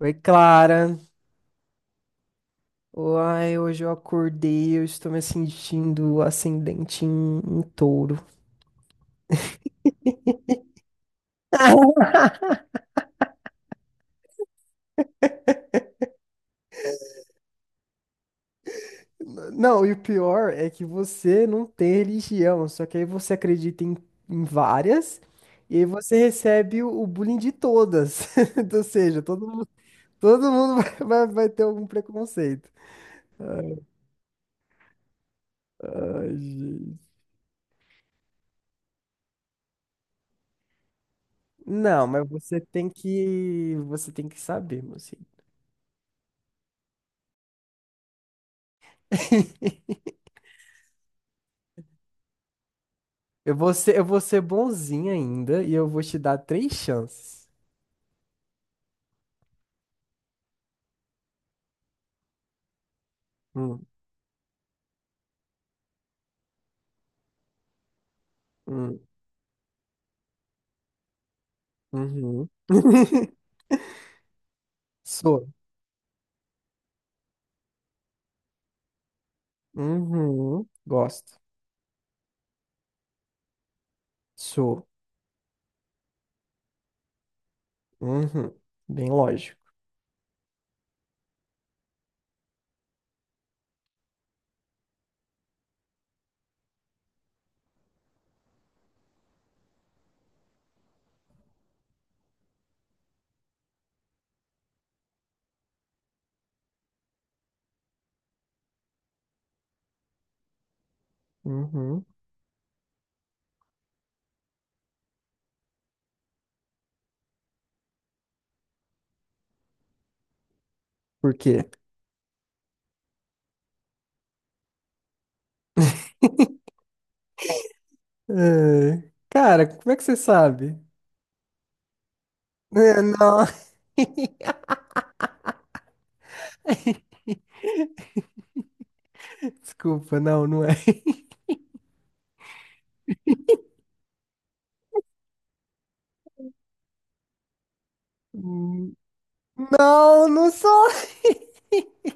Oi, Clara. Ai, hoje eu acordei, eu estou me sentindo ascendente em touro. Não, e o pior é que você não tem religião, só que aí você acredita em várias, e aí você recebe o bullying de todas. Ou seja, todo mundo vai ter algum preconceito. Ai, gente. Não, mas você tem que saber, mocinho. Eu vou ser bonzinho ainda e eu vou te dar três chances. Hum, hum, uhum. Sou. Uhum. Gosto. Sou. Uhum. Bem lógico. Uhum. Por quê? É, cara, como é que você sabe? É, não. Desculpa, não, não é. Hum, Não, não sou.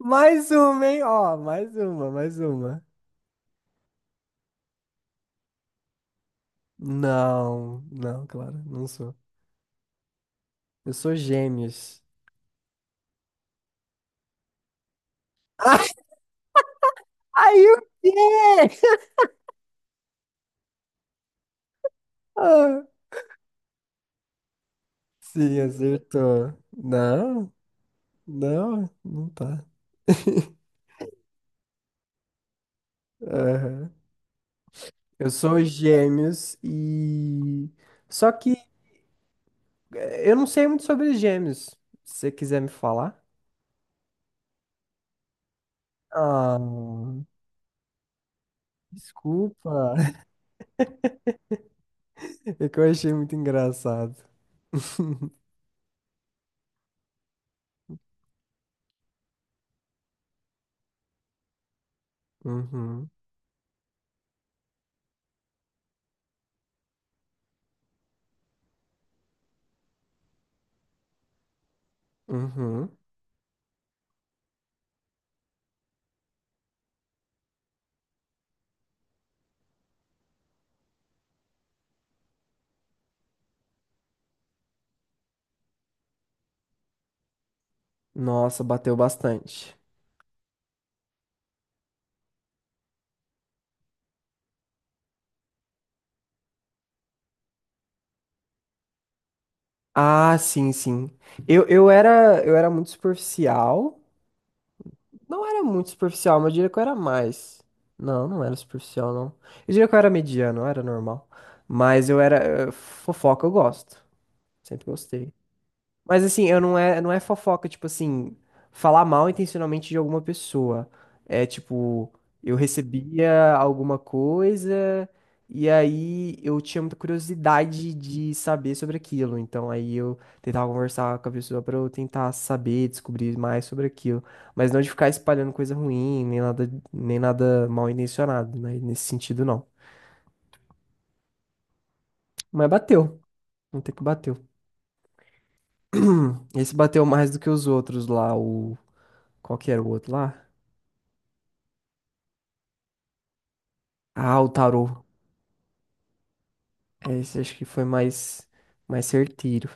Mais uma, hein? Ó, mais uma, mais uma. Não, não, claro, não sou. Eu sou gêmeos. Ah, aí o quê? Ah, sim, acertou. Não, não, não tá. Aham. Eu sou gêmeos e. Só que eu não sei muito sobre gêmeos. Se você quiser me falar. Ah, desculpa. É que eu achei muito engraçado. Uhum, uhum. Nossa, bateu bastante. Ah, sim, sim. Eu era eu era muito superficial. Não era muito superficial, mas eu diria que eu era mais. Não, não era superficial, não. Eu diria que eu era mediano, eu era normal. Mas eu era fofoca, eu gosto. Sempre gostei. Mas assim, eu não é fofoca, tipo assim, falar mal intencionalmente de alguma pessoa. É tipo, eu recebia alguma coisa e aí eu tinha muita curiosidade de saber sobre aquilo. Então aí eu tentava conversar com a pessoa pra eu tentar saber, descobrir mais sobre aquilo, mas não de ficar espalhando coisa ruim, nem nada, nem nada mal intencionado, né? Nesse sentido não. Mas bateu, não tem que bateu. Esse bateu mais do que os outros lá, o qual que era o outro lá? Ah, o tarô. É, esse acho que foi mais certeiro.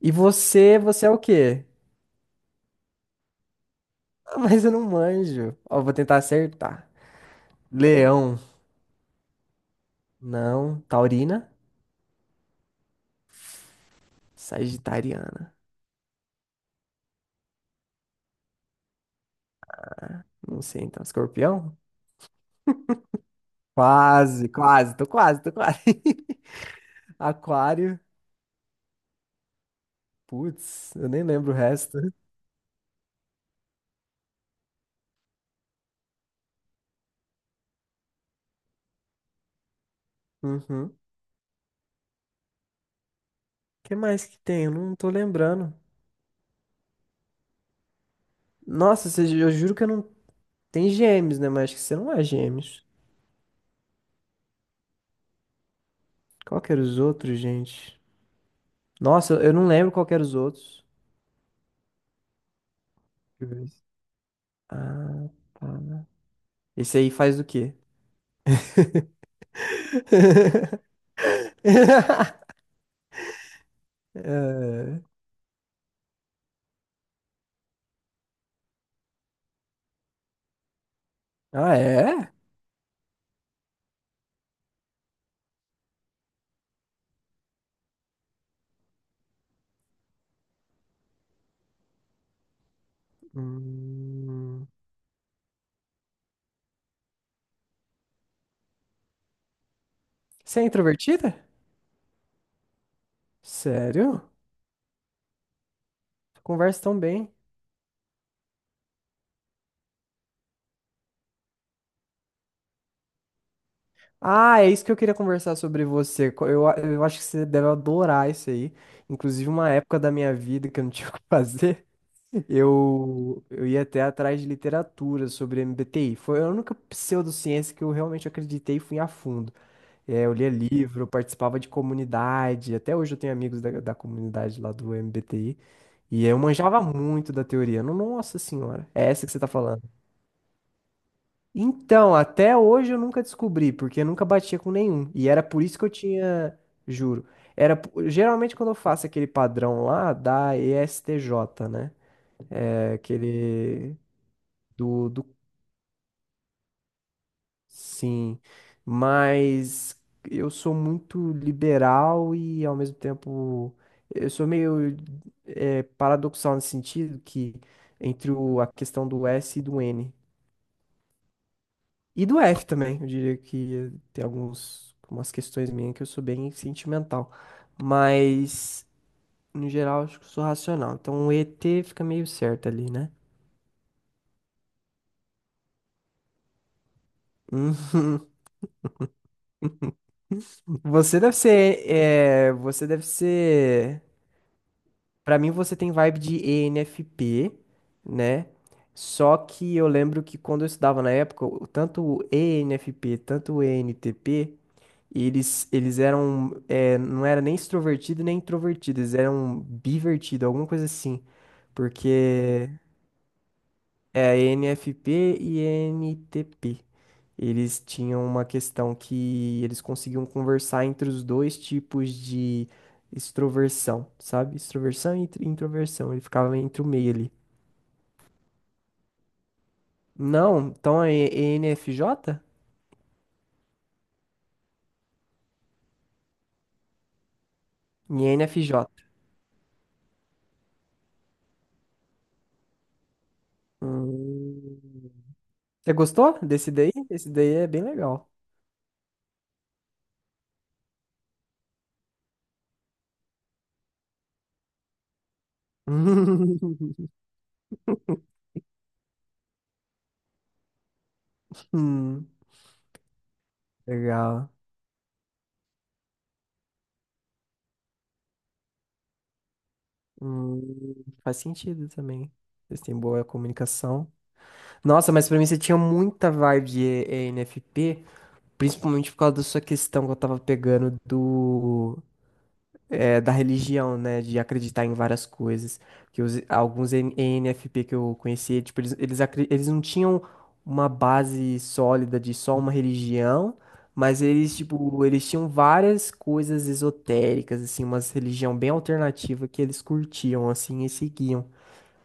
E você é o quê? Ah, mas eu não manjo. Ó, vou tentar acertar. Leão. Não. Taurina. Sagitariana. Não sei, então. Escorpião? Quase, quase. Tô quase, tô quase. Aquário. Putz, eu nem lembro o resto. Uhum. Que mais que tem? Eu não tô lembrando. Nossa, você- eu juro que eu não... Tem gêmeos, né? Mas acho que você não é gêmeos. Qual que era os outros, gente? Nossa, eu não lembro qual que era os outros. Deixa eu ver. Ah, tá. Esse aí faz do quê? É. Ah, é? Hum. Você é introvertida? Sério? Conversa tão bem. Ah, é isso que eu queria conversar sobre você. Eu acho que você deve adorar isso aí. Inclusive, uma época da minha vida que eu não tinha o que fazer, eu ia até atrás de literatura sobre MBTI. Foi a única pseudociência que eu realmente acreditei e fui a fundo. É, eu lia livro, participava de comunidade, até hoje eu tenho amigos da comunidade lá do MBTI, e eu manjava muito da teoria. Nossa senhora, é essa que você tá falando. Então, até hoje eu nunca descobri, porque eu nunca batia com nenhum, e era por isso que eu tinha, juro, era, geralmente quando eu faço aquele padrão lá da ESTJ, né, é aquele... do Sim, mas eu sou muito liberal e ao mesmo tempo eu sou meio paradoxal nesse sentido que entre a questão do S e do N. E do F também, eu diria que tem algumas questões minhas que eu sou bem sentimental. Mas, no geral, acho que eu sou racional. Então o ET fica meio certo ali, né? Hum. Você deve ser. Pra mim, você tem vibe de ENFP, né? Só que eu lembro que quando eu estudava na época, tanto o ENFP, tanto o ENTP, eles eram, não era nem extrovertido nem introvertido, eles eram bivertido, alguma coisa assim. Porque é a NFP e NTP. Eles tinham uma questão que eles conseguiam conversar entre os dois tipos de extroversão, sabe? Extroversão e introversão. Ele ficava entre o meio ali. Não, então é ENFJ? ENFJ. Hum. Você gostou desse daí? Esse daí é bem legal. Hum, legal. Faz sentido também. Vocês têm boa comunicação. Nossa, mas pra mim você tinha muita vibe de ENFP, principalmente por causa da sua questão que eu tava pegando da religião, né? De acreditar em várias coisas. Que alguns ENFP que eu conhecia, tipo, eles não tinham uma base sólida de só uma religião, mas eles, tipo, eles tinham várias coisas esotéricas, assim, umas religião bem alternativa que eles curtiam, assim, e seguiam.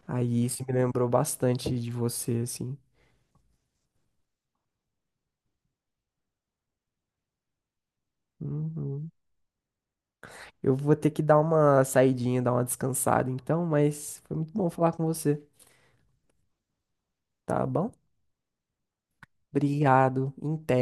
Aí isso me lembrou bastante de você, assim. Uhum. Eu vou ter que dar uma saidinha, dar uma descansada então, mas foi muito bom falar com você, tá bom? Obrigado, em té.